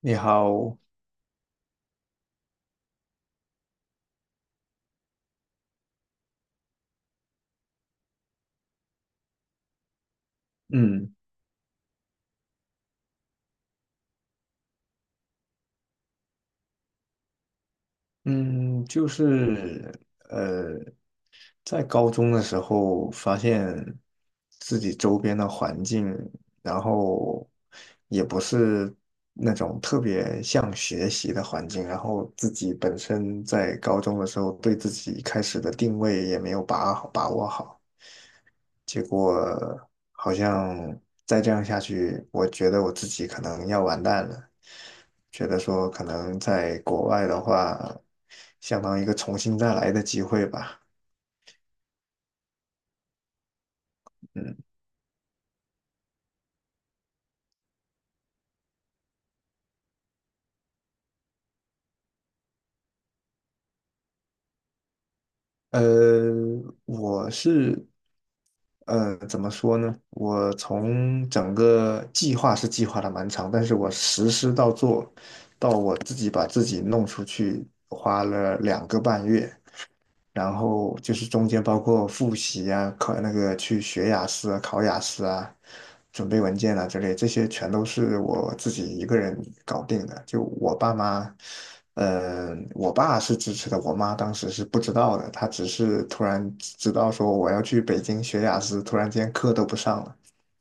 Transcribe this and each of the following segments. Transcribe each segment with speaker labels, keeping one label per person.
Speaker 1: 你好，嗯嗯，就是呃，在高中的时候，发现自己周边的环境，然后也不是那种特别像学习的环境，然后自己本身在高中的时候对自己一开始的定位也没有把握好，结果好像再这样下去，我觉得我自己可能要完蛋了，觉得说可能在国外的话，相当于一个重新再来的机会吧。嗯。呃，我是怎么说呢？我从整个计划是计划的蛮长，但是我实施到做，到我自己把自己弄出去，花了两个半月。然后就是中间包括复习啊，考那个去学雅思啊、考雅思啊、准备文件啊之类，这些全都是我自己一个人搞定的。就我爸妈，我爸是支持的，我妈当时是不知道的，她只是突然知道说我要去北京学雅思，突然间课都不上了。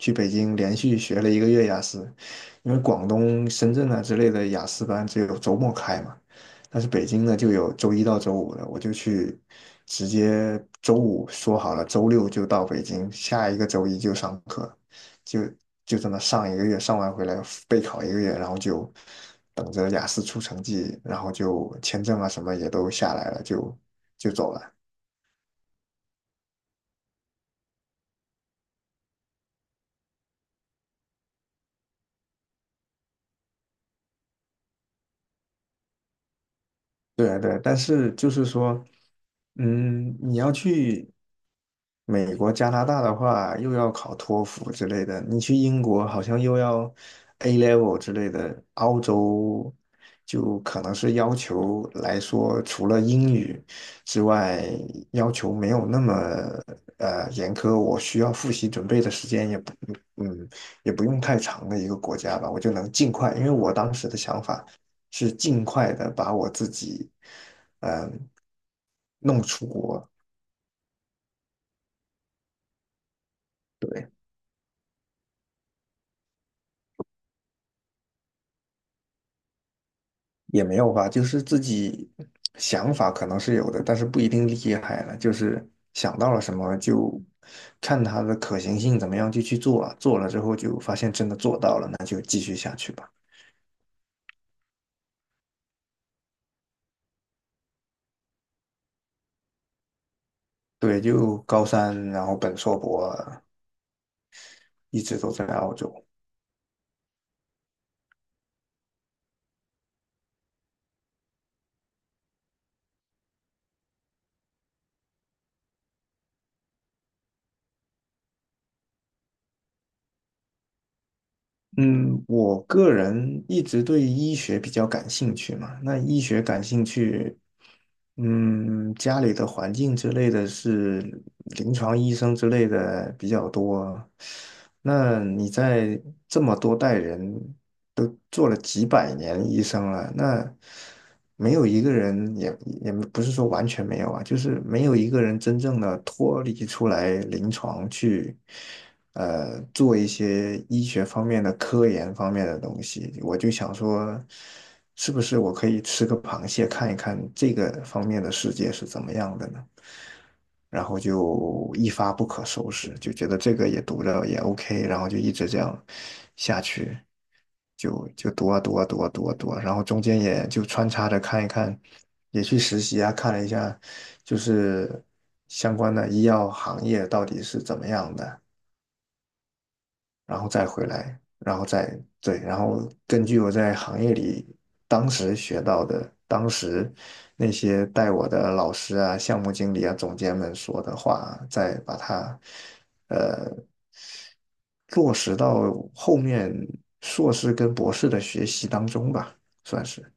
Speaker 1: 去北京连续学了一个月雅思，因为广东、深圳啊之类的雅思班只有周末开嘛，但是北京呢就有周一到周五的，我就去直接周五说好了，周六就到北京，下一个周一就上课，就就这么上一个月，上完回来备考一个月，然后就等着雅思出成绩，然后就签证啊什么也都下来了，就走了。对对，但是就是说，嗯，你要去。美国、加拿大的话，又要考托福之类的；你去英国，好像又要 A level 之类的。澳洲就可能是要求来说，除了英语之外，要求没有那么严苛。我需要复习准备的时间也不嗯也不用太长的一个国家吧，我就能尽快。因为我当时的想法是尽快的把我自己嗯、弄出国。对。也没有吧，就是自己想法可能是有的，但是不一定厉害了。就是想到了什么就看它的可行性怎么样就去做啊，做了之后就发现真的做到了，那就继续下去吧。对，就高三，然后本硕博一直都在澳洲。嗯，我个人一直对医学比较感兴趣嘛。那医学感兴趣，嗯，家里的环境之类的是临床医生之类的比较多。那你在这么多代人都做了几百年医生了，那没有一个人也也不是说完全没有啊，就是没有一个人真正的脱离出来临床去。做一些医学方面的科研方面的东西，我就想说，是不是我可以吃个螃蟹看一看这个方面的世界是怎么样的呢？然后就一发不可收拾，就觉得这个也读着也 OK,然后就一直这样下去，就就读啊读啊读啊读啊读啊，然后中间也就穿插着看一看，也去实习啊，看了一下就是相关的医药行业到底是怎么样的。然后再回来，然后再对，然后根据我在行业里当时学到的，当时那些带我的老师啊、项目经理啊、总监们说的话，再把它呃落实到后面硕士跟博士的学习当中吧，算是。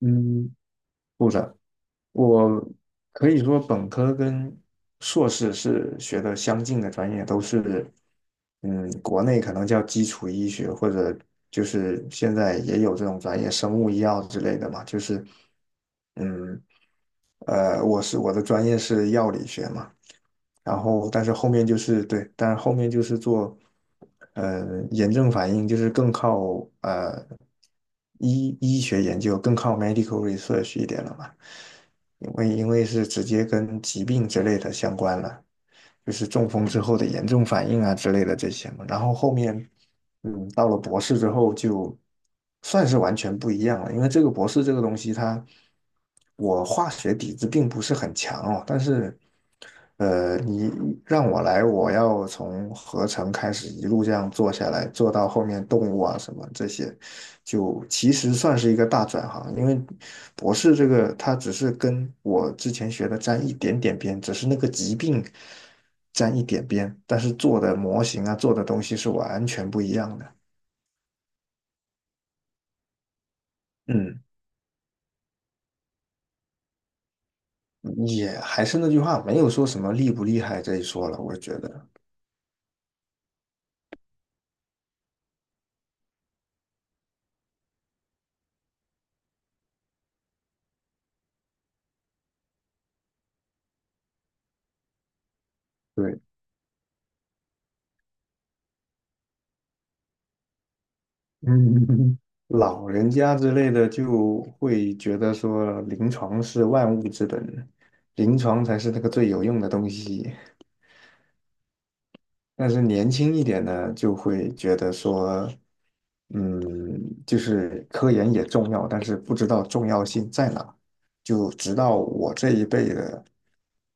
Speaker 1: 嗯，部长。我可以说本科跟硕士是学的相近的专业，都是，嗯，国内可能叫基础医学，或者就是现在也有这种专业，生物医药之类的嘛，就是，嗯，我的专业是药理学嘛，然后但是后面就是对，但是后面就是做炎症反应，就是更靠呃医学研究，更靠 medical research 一点了嘛，因为是直接跟疾病之类的相关了，就是中风之后的炎症反应啊之类的这些嘛，然后后面。嗯，到了博士之后就算是完全不一样了，因为这个博士这个东西它，我化学底子并不是很强哦，但是，你让我来，我要从合成开始一路这样做下来，做到后面动物啊什么这些，就其实算是一个大转行，因为博士这个它只是跟我之前学的沾一点点边，只是那个疾病沾一点边，但是做的模型啊，做的东西是完全不一样的。嗯，也还是那句话，没有说什么厉不厉害这一说了，我觉得。对，嗯，老人家之类的就会觉得说，临床是万物之本，临床才是那个最有用的东西。但是年轻一点呢，就会觉得说，嗯，就是科研也重要，但是不知道重要性在哪。就直到我这一辈的，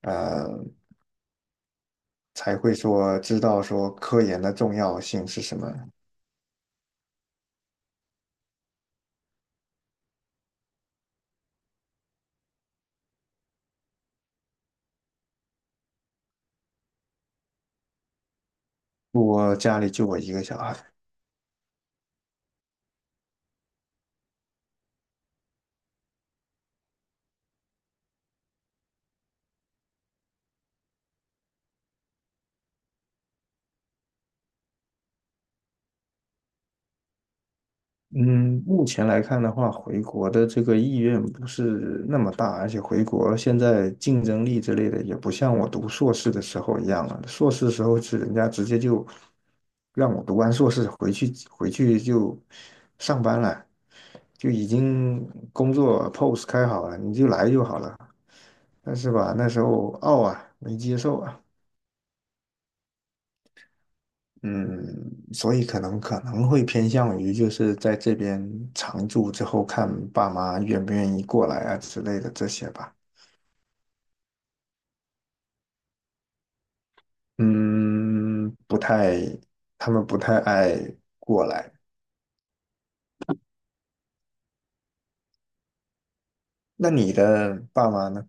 Speaker 1: 呃，才会说知道说科研的重要性是什么。我家里就我一个小孩。嗯，目前来看的话，回国的这个意愿不是那么大，而且回国现在竞争力之类的也不像我读硕士的时候一样了。硕士的时候是人家直接就让我读完硕士回去，回去就上班了，就已经工作 post 开好了，你就来就好了。但是吧，那时候傲啊，没接受啊。嗯，所以可能会偏向于就是在这边常住之后，看爸妈愿不愿意过来啊之类的这些吧。嗯，不太，他们不太爱过来。那你的爸妈呢？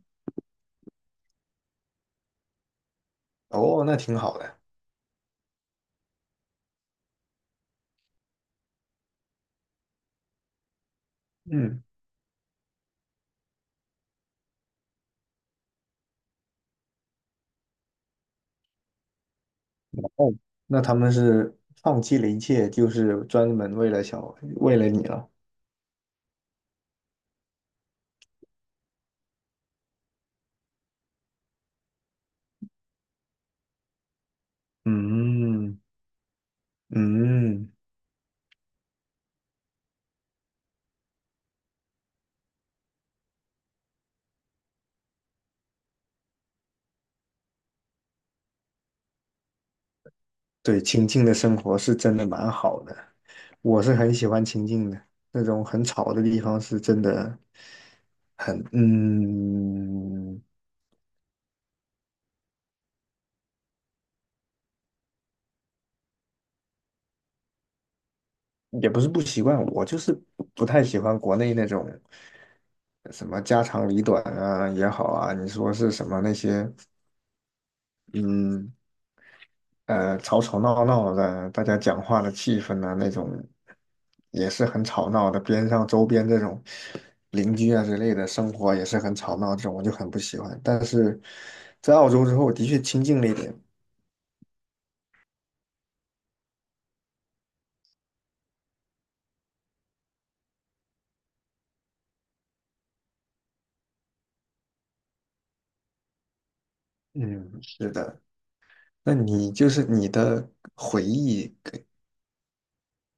Speaker 1: 哦，那挺好的。嗯，哦，那他们是放弃了一切，就是专门为了小，为了你了。嗯嗯。对，清静的生活是真的蛮好的，我是很喜欢清静的，那种很吵的地方是真的，嗯，也不是不习惯，我就是不太喜欢国内那种什么家长里短啊也好啊，你说是什么那些，嗯，吵吵闹闹的，大家讲话的气氛呢、那种也是很吵闹的。边上周边这种邻居啊之类的生活也是很吵闹，这种我就很不喜欢。但是在澳洲之后，我的确清静了一点。嗯，是的。那你就是你的回忆，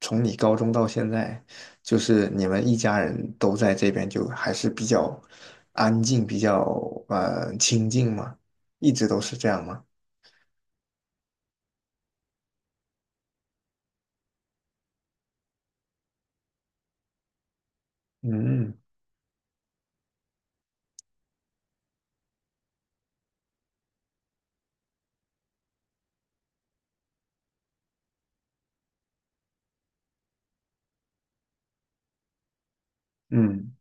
Speaker 1: 从你高中到现在，就是你们一家人都在这边，就还是比较安静，比较清静嘛，一直都是这样吗？嗯嗯。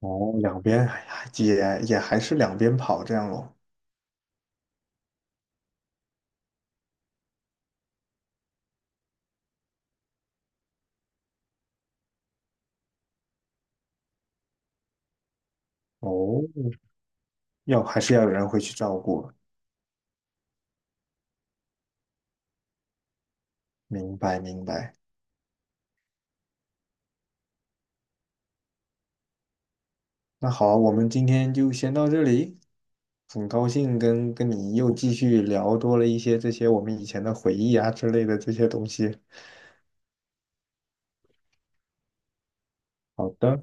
Speaker 1: 哦，两边还也还是两边跑这样咯。哦，要还是要有人会去照顾。明白明白。那好啊我们今天就先到这里。很高兴跟你又继续聊多了一些这些我们以前的回忆啊之类的这些东西。好的。